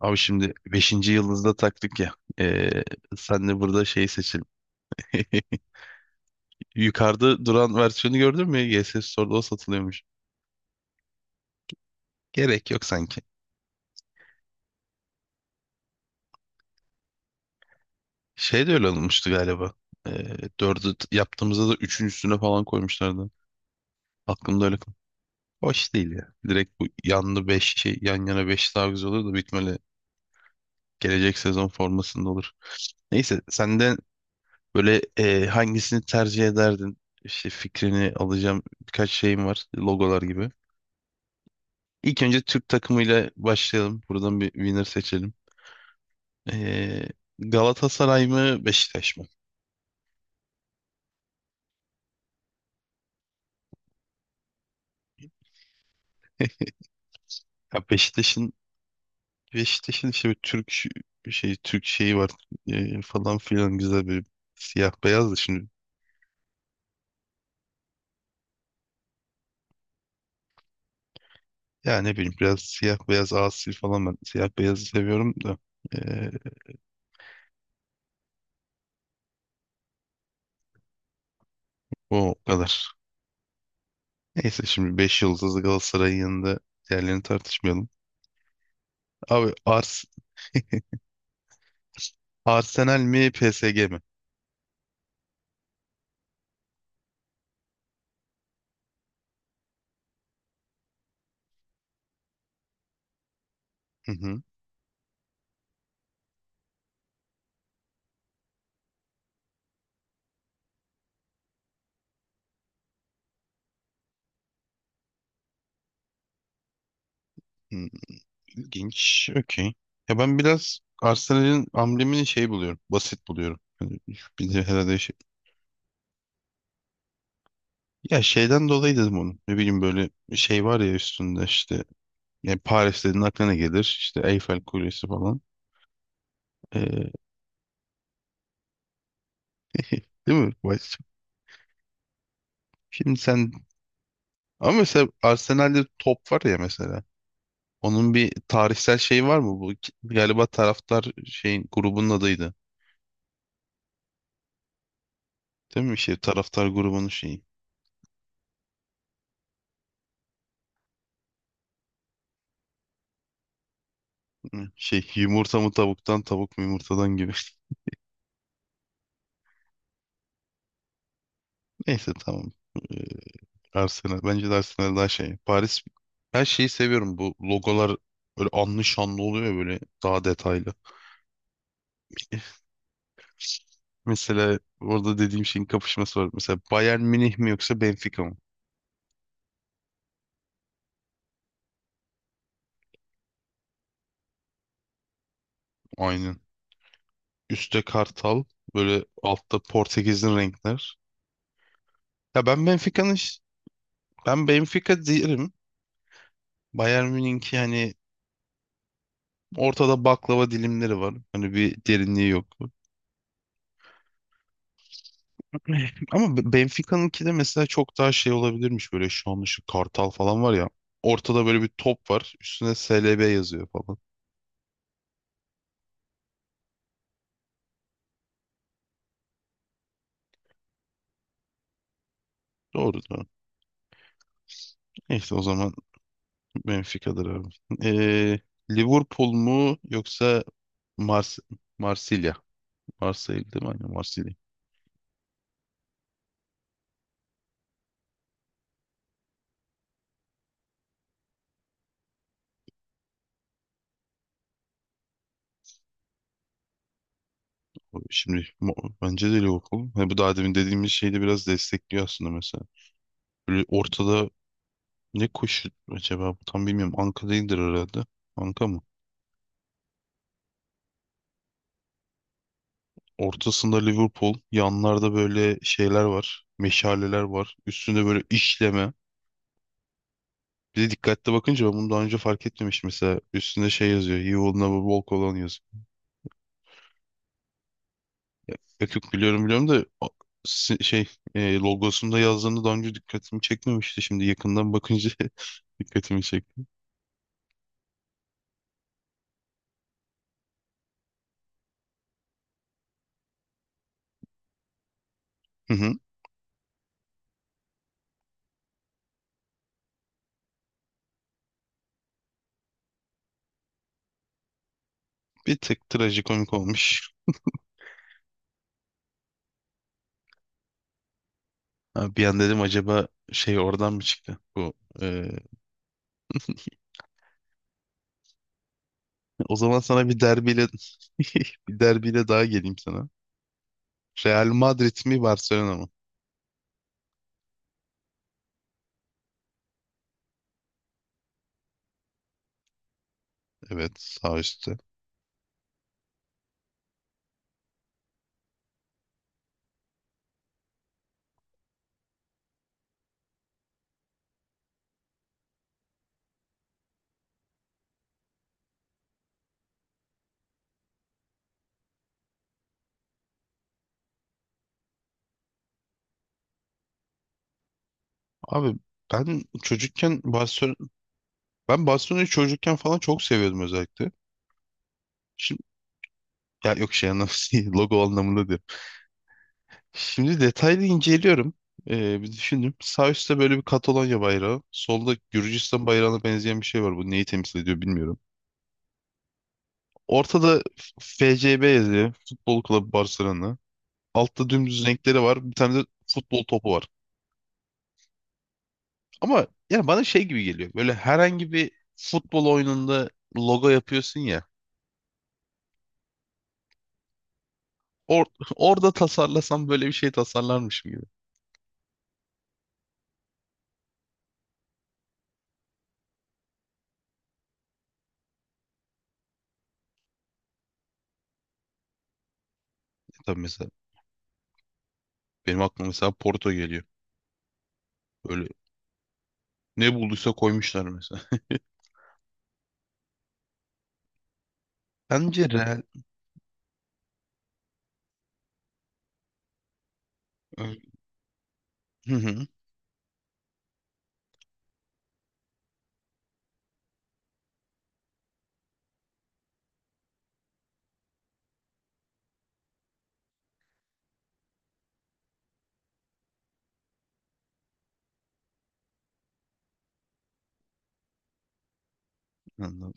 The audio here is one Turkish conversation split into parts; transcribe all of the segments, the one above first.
Abi şimdi beşinci yıldızda taktık ya. Ee, Sen de burada şey seçelim. Yukarıda duran versiyonu gördün mü? G S Store'da o satılıyormuş. Gerek yok sanki. Şey de öyle olmuştu galiba. Dördü yaptığımızda da üçün üstüne falan koymuşlardı. Aklımda öyle. Hoş değil ya. Direkt bu yanlı 5 şey yan yana 5 daha güzel olur da bitmeli. Gelecek sezon formasında olur. Neyse senden böyle hangisini tercih ederdin? İşte fikrini alacağım birkaç şeyim var. Logolar gibi. İlk önce Türk takımıyla başlayalım. Buradan bir winner seçelim. Ee, Galatasaray mı Beşiktaş mı? Ya Beşiktaş'ın işte bir şey Türk şeyi var, falan filan, güzel bir siyah beyaz da şimdi, ya ne bileyim, biraz siyah beyaz asi falan, ben siyah beyazı seviyorum da ee, o kadar. Neyse şimdi 5 yıldızlı Galatasaray'ın yanında diğerlerini tartışmayalım. Abi Arsenal mi PSG mi? Hı hı. Hı. İlginç. Okey. Ya ben biraz Arsenal'in amblemini şey buluyorum. Basit buluyorum. Hani bizim herhalde şey. Ya şeyden dolayı dedim onu. Ne bileyim, böyle şey var ya üstünde işte. Yani Paris dediğin aklına gelir. İşte Eiffel Kulesi falan. Ee, değil mi? Şimdi sen ama mesela Arsenal'de top var ya mesela. Onun bir tarihsel şeyi var mı? Bu galiba taraftar şeyin grubunun adıydı. Değil mi? Şey taraftar grubunun şeyi. Hı, şey yumurta mı tavuktan tavuk mu yumurtadan gibi. Neyse tamam. Ee, Arsenal. Bence de Arsenal daha şey. Paris her şeyi seviyorum. Bu logolar böyle anlı şanlı oluyor ya, böyle daha detaylı. Mesela orada dediğim şeyin kapışması var. Mesela Bayern Münih mi yoksa Benfica mı? Aynen. Üstte Kartal, böyle altta Portekiz'in renkler. Ya ben ben Benfica derim. Bayern Münih'inki hani ortada baklava dilimleri var. Hani bir derinliği yok. Eh, ama Benfica'nınki de mesela çok daha şey olabilirmiş, böyle şu an şu Kartal falan var ya. Ortada böyle bir top var. Üstüne SLB yazıyor falan. Doğru doğru. İşte o zaman Benfica'dır abi. Ee, Liverpool mu yoksa Mars Marsilya? Marsilya değil mi? Aynen Marsilya. Şimdi bence de Liverpool. Ha, bu daha demin dediğimiz şeyi de biraz destekliyor aslında mesela. Böyle ortada ne koşu acaba? Tam bilmiyorum. Anka değildir herhalde. Anka mı? Ortasında Liverpool, yanlarda böyle şeyler var, meşaleler var. Üstünde böyle işleme. Bir de dikkatli bakınca ben bunu daha önce fark etmemiştim mesela. Üstünde şey yazıyor, He will never walk alone yazıyor. Ya, yok yok, biliyorum biliyorum da şey, logosunda yazdığını daha önce dikkatimi çekmemişti. Şimdi yakından bakınca dikkatimi çekti. Hı hı. Bir tık trajikomik olmuş. Ha, bir an dedim, acaba şey oradan mı çıktı bu? e, O zaman sana bir derbiyle bir derbiyle daha geleyim sana. Real Madrid mi Barcelona mı? Evet, sağ üstte. Abi ben çocukken Barcelona, ben Barcelona'yı çocukken falan çok seviyordum özellikle. Şimdi ya yok, şey anlamında logo anlamında diyorum. Şimdi detaylı inceliyorum. Bir düşündüm. Sağ üstte böyle bir Katalonya bayrağı. Solda Gürcistan bayrağına benzeyen bir şey var. Bu neyi temsil ediyor bilmiyorum. Ortada FCB yazıyor. Futbol Kulübü Barcelona. Altta dümdüz renkleri var. Bir tane de futbol topu var. Ama yani bana şey gibi geliyor. Böyle herhangi bir futbol oyununda logo yapıyorsun ya. Or orada tasarlasam böyle bir şey tasarlarmışım gibi. E tabii, mesela benim aklıma mesela Porto geliyor. Böyle ne bulduysa koymuşlar mesela. Bence Real... Hı hı, anladım.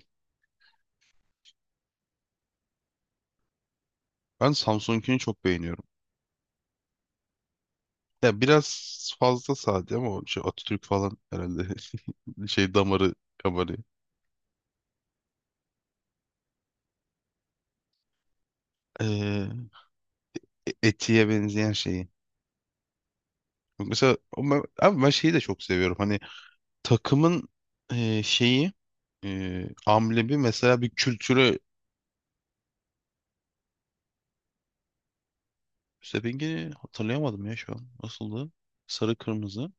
Ben Samsung'unkini çok beğeniyorum. Ya biraz fazla sade ama o şey Atatürk falan herhalde şey damarı kabarıyor. Ee, etiye benzeyen şeyi. Mesela ama, ben, abi ben şeyi de çok seviyorum. Hani takımın şeyi, amblemi mesela bir kültüre, rengi hatırlayamadım ya şu an. Nasıldı? Sarı kırmızı.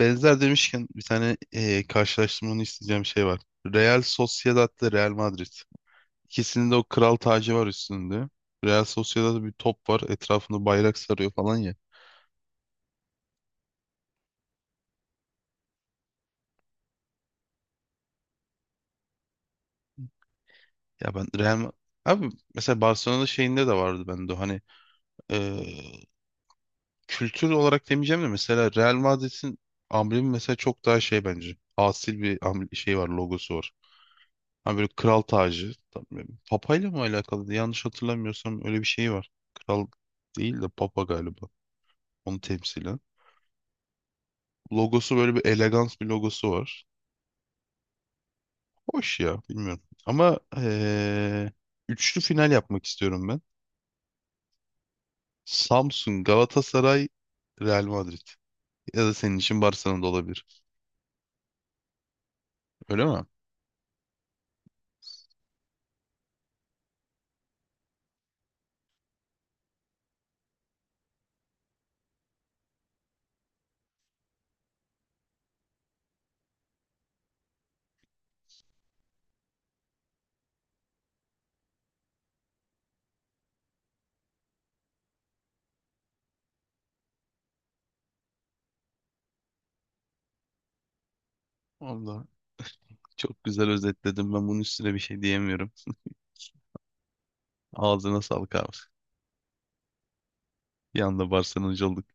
Benzer demişken bir tane, karşılaştırmanı isteyeceğim şey var. Real Sociedad'la Real Madrid. İkisinin de o kral tacı var üstünde. Real Sociedad'da bir top var. Etrafında bayrak sarıyor falan ya. Ya ben Real Ma- Abi mesela Barcelona'da şeyinde de vardı bende o, hani kültür olarak demeyeceğim de mesela Real Madrid'in amblemi mesela çok daha şey bence. Asil bir şey var, logosu var. Hani böyle kral tacı. Böyle Papayla mı alakalı? Yanlış hatırlamıyorsam öyle bir şey var. Kral değil de papa galiba. Onu temsilen. Logosu böyle bir elegans bir logosu var. Hoş ya, bilmiyorum. Ama üçlü final yapmak istiyorum ben. Samsun, Galatasaray, Real Madrid. Ya da senin için Barcelona da olabilir. Öyle mi? Allah. Çok güzel özetledim. Ben bunun üstüne bir şey diyemiyorum. Ağzına sağlık abi. Bir anda Barcelona'cı olduk.